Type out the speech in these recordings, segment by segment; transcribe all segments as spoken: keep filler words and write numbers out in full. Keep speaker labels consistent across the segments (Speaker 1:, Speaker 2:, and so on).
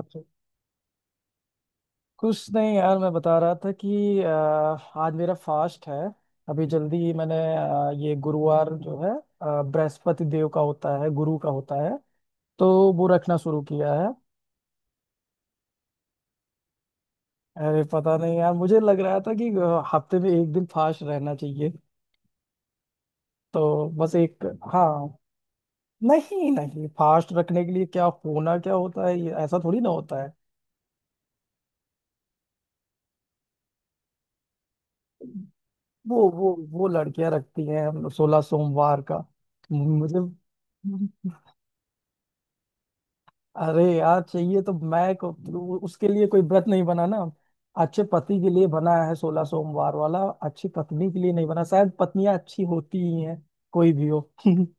Speaker 1: अच्छा। कुछ नहीं यार, मैं बता रहा था कि अ, आज मेरा फास्ट है। अभी जल्दी ही मैंने अ, ये गुरुवार जो है, अ, बृहस्पति देव का होता है, गुरु का होता है, तो वो रखना शुरू किया है। अरे पता नहीं यार, मुझे लग रहा था कि अ, हफ्ते में एक दिन फास्ट रहना चाहिए, तो बस एक। हाँ। नहीं नहीं, फास्ट रखने के लिए क्या होना, क्या होता है, ये ऐसा थोड़ी ना होता है। वो वो वो लड़कियां रखती हैं सोलह सोमवार का। मुझे। अरे यार चाहिए तो मैं को, वो- उसके लिए कोई व्रत नहीं बना ना। अच्छे पति के लिए बना है सोलह सोमवार वाला। अच्छी पत्नी के लिए नहीं बना, शायद पत्नियां अच्छी होती ही हैं, कोई भी हो।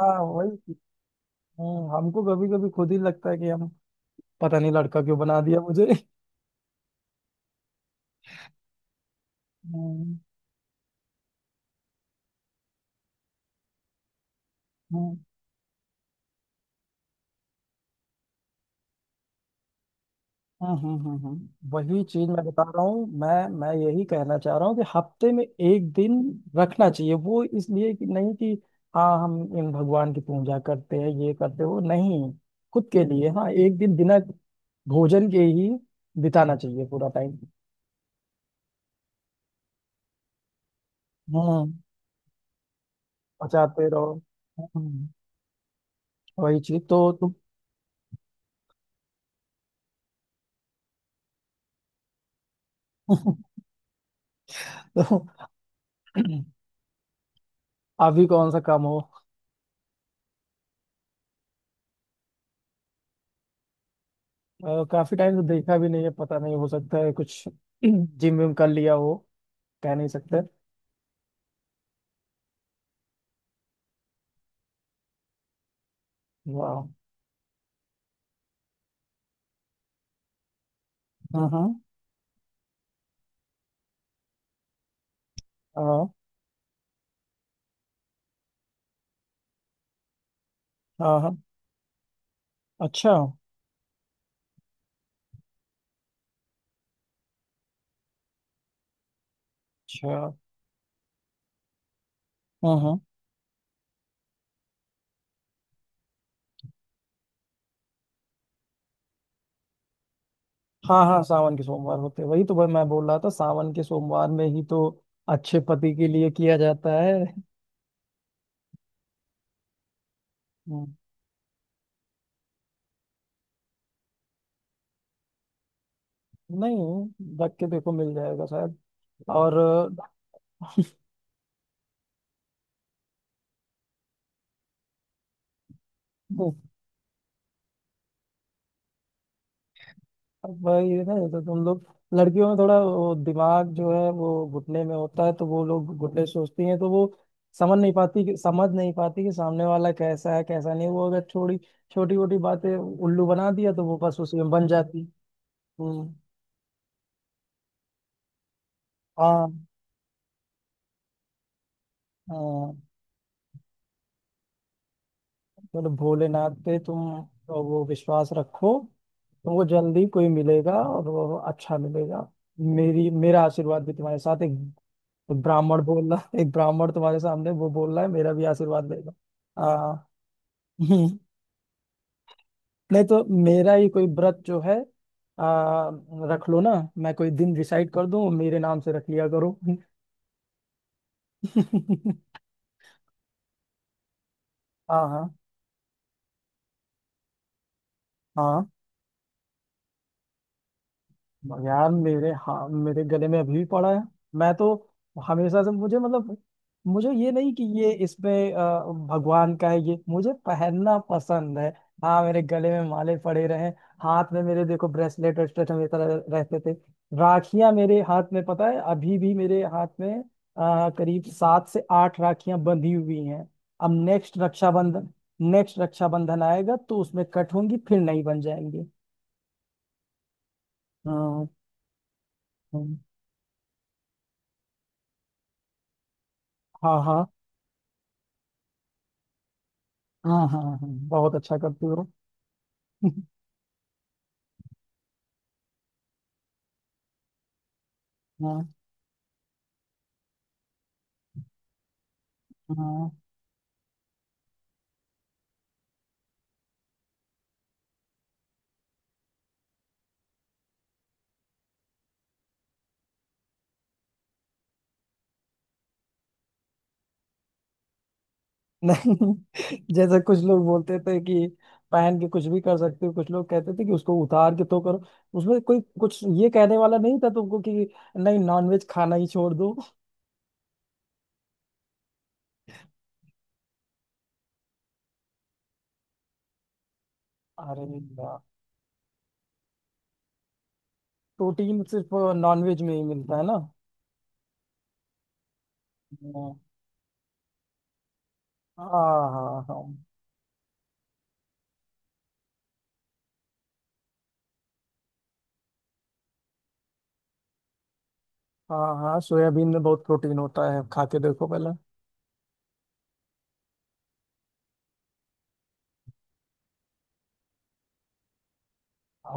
Speaker 1: हाँ, वही। हम्म, हमको कभी कभी खुद ही लगता है कि हम। पता नहीं लड़का क्यों बना दिया मुझे। हम्म, हम्म। हम्म हम्म हम्म, हम्म। वही चीज मैं बता रहा हूँ, मैं मैं यही कहना चाह रहा हूँ कि हफ्ते में एक दिन रखना चाहिए। वो इसलिए कि नहीं कि हाँ हम इन भगवान की पूजा करते हैं, ये करते हो नहीं। खुद के लिए, हाँ, एक दिन बिना भोजन के ही बिताना चाहिए पूरा टाइम। हम्म। बचाते रहो। हम्म, वही चीज तो तुम। तो अभी कौन सा काम हो। अ, काफी टाइम से देखा भी नहीं है, पता नहीं, हो सकता है कुछ जिम विम कर लिया हो, कह नहीं सकते। वाह। हाँ हाँ हाँ हाँ हाँ। अच्छा। अच्छा। हाँ हाँ हाँ हाँ, सावन के सोमवार होते हैं। वही तो भाई, मैं बोल रहा था सावन के सोमवार में ही तो अच्छे पति के लिए किया जाता है। हम्म, नहीं, रख के देखो मिल जाएगा शायद। और अब वही है ना तो तुम लोग। लड़कियों में थोड़ा वो दिमाग जो है वो घुटने में होता है, तो वो लोग घुटने सोचती हैं, तो वो समझ नहीं पाती कि समझ नहीं पाती कि सामने वाला कैसा है, कैसा नहीं, वो अगर छोटी छोटी मोटी बातें उल्लू बना दिया तो वो बस उसी में बन जाती। हम्म। हाँ हाँ। बोले भोलेनाथ पे तुम वो विश्वास रखो। तुमको जल्दी कोई मिलेगा और वो अच्छा मिलेगा। मेरी मेरा आशीर्वाद भी तुम्हारे साथ है। एक ब्राह्मण बोल रहा एक ब्राह्मण तुम्हारे सामने वो बोल रहा है, मेरा भी आशीर्वाद ले लो। आ, हम्म, नहीं तो मेरा ही कोई व्रत जो है, आ, रख लो ना। मैं कोई दिन डिसाइड कर दूं, मेरे नाम से रख लिया करो। हाँ हाँ हाँ। यार मेरे, हाँ, मेरे गले में अभी भी पड़ा है। मैं तो हमेशा से, मुझे मतलब, मुझे ये नहीं कि ये इसमें अ, भगवान का है, ये मुझे पहनना पसंद है। हाँ, मेरे गले में माले पड़े रहे। हाथ में मेरे देखो, ब्रेसलेट वेस्टलेट हमेशा रह- रहते थे। राखियां मेरे हाथ में, पता है, अभी भी मेरे हाथ में अ, करीब सात से आठ राखियां बंधी हुई हैं। अब नेक्स्ट रक्षाबंधन नेक्स्ट रक्षाबंधन आएगा तो उसमें कट होंगी, फिर नहीं बन जाएंगी। अ, हाँ हाँ हाँ हाँ हाँ। बहुत अच्छा करती हो। हाँ हाँ। नहीं, जैसे कुछ लोग बोलते थे कि पहन के कुछ भी कर सकते हो, कुछ लोग कहते थे कि उसको उतार के तो करो। उसमें कोई कुछ ये कहने वाला नहीं था तुमको कि नहीं, नॉनवेज खाना ही छोड़ दो। अरे वाह। प्रोटीन सिर्फ नॉनवेज में ही मिलता है ना? हाँ हाँ हाँ हाँ हाँ। हाँ, सोयाबीन में बहुत प्रोटीन होता है, खा के देखो पहले।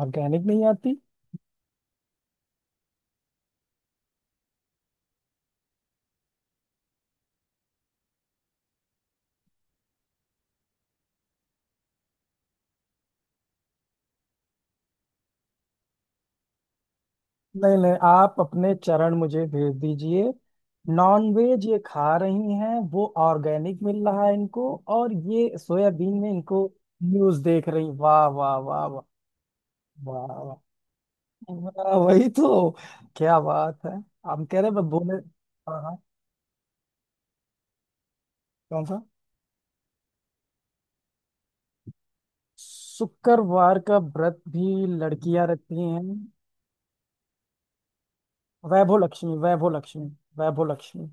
Speaker 1: ऑर्गेनिक नहीं आती। नहीं नहीं, आप अपने चरण मुझे भेज दीजिए। नॉनवेज ये खा रही हैं, वो ऑर्गेनिक मिल रहा है इनको। और ये सोयाबीन में इनको न्यूज़ देख रही। वाह वाह वाह वाह। वाह वाह वाह, वही तो। क्या बात है, हम कह रहे हैं, बोले। हाँ हाँ। कौन सा? शुक्रवार का व्रत भी लड़कियां रखती हैं। वैभव लक्ष्मी, वैभव लक्ष्मी, वैभव लक्ष्मी।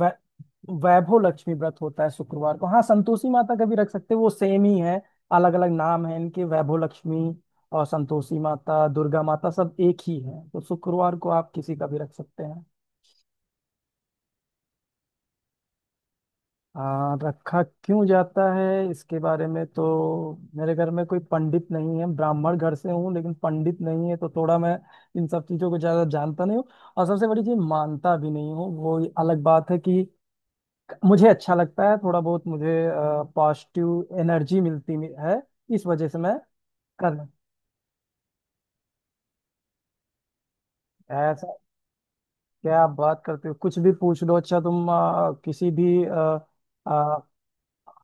Speaker 1: वै, वैभव लक्ष्मी व्रत होता है शुक्रवार को। हाँ, संतोषी माता का भी रख सकते हैं, वो सेम ही है। अलग अलग नाम है इनके, वैभव लक्ष्मी और संतोषी माता, दुर्गा माता, सब एक ही है, तो शुक्रवार को आप किसी का भी रख सकते हैं। आ, रखा क्यों जाता है इसके बारे में तो, मेरे घर में कोई पंडित नहीं है, ब्राह्मण घर से हूँ लेकिन पंडित नहीं है, तो थोड़ा मैं इन सब चीजों को ज्यादा जानता नहीं हूँ। और सबसे बड़ी चीज, मानता भी नहीं हूँ, वो अलग बात है कि मुझे अच्छा लगता है। थोड़ा बहुत मुझे पॉजिटिव एनर्जी मिलती मि- है, इस वजह से मैं कर। ऐसा क्या आप बात करते हो, कुछ भी पूछ लो। अच्छा तुम अ, किसी भी आ, हाँ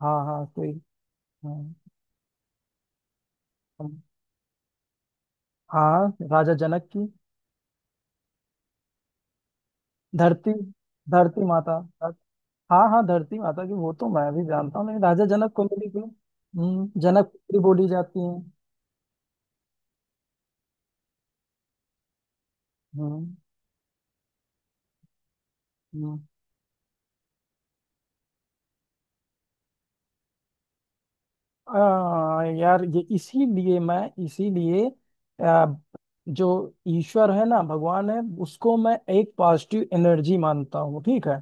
Speaker 1: हाँ, कोई। हाँ हाँ, राजा जनक की। धरती, धरती माता। हाँ हाँ, धरती माता की वो तो मैं भी जानता हूँ, लेकिन राजा जनक को लेके हम्म जनक पुत्री बोली जाती है। हम्म हम्म। आ, यार ये इसीलिए मैं इसीलिए, आ, जो ईश्वर है ना, भगवान है, उसको मैं एक पॉजिटिव एनर्जी मानता हूँ, ठीक है।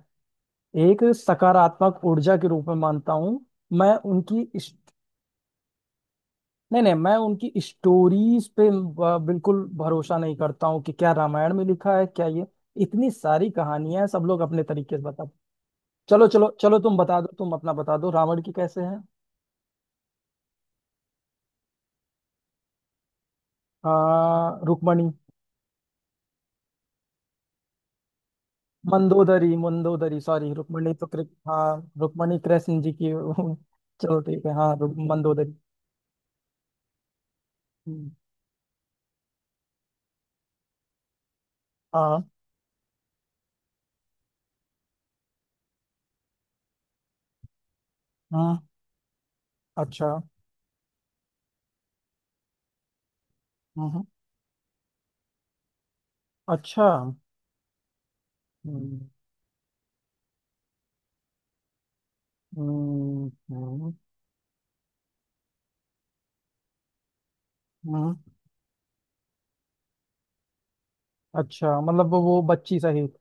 Speaker 1: एक सकारात्मक ऊर्जा के रूप में मानता हूँ। मैं उनकी इस- नहीं नहीं, मैं उनकी स्टोरीज पे आ, बिल्कुल भरोसा नहीं करता हूँ कि क्या रामायण में लिखा है क्या, ये इतनी सारी कहानियां हैं, सब लोग अपने तरीके से बताते। चलो चलो चलो, तुम बता दो, तुम अपना बता दो, रावण की कैसे है। आ, रुक्मणी। मंदोदरी, मंदोदरी, सॉरी, रुक्मणी तो कृ- हाँ। रुक्मणी कृष्ण जी की वो- चलो ठीक है, हाँ, रुक- मंदोदरी। हम्म, हाँ हाँ। अच्छा। हम्म, अच्छा। हम्म, हम्म, हम्म, हम्म, अच्छा मतलब वो वो बच्ची सहित।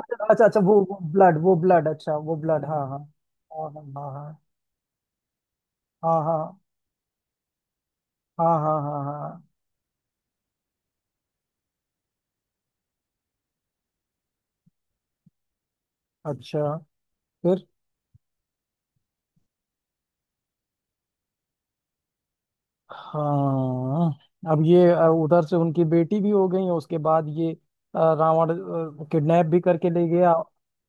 Speaker 1: अच्छा अच्छा अच्छा, वो वो ब्लड, वो ब्लड, अच्छा, वो ब्लड, हाँ हाँ हाँ हाँ हाँ हाँ हाँ हाँ हाँ हाँ हाँ हाँ, अच्छा, हाँ। अब ये अ, उधर से उनकी बेटी भी हो गई, उसके बाद ये अ, रावण किडनैप भी करके ले गया।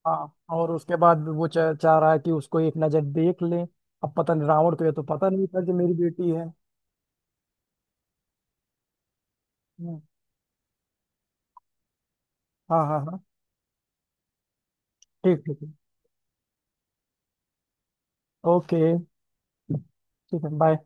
Speaker 1: हाँ, और उसके बाद वो चा, चाह रहा है कि उसको एक नजर देख ले। अब पता नहीं, रावण को ये तो पता नहीं था कि मेरी बेटी है। हम्म, हाँ हाँ हाँ। ठीक ठीक। ओके। ठीक है, बाय।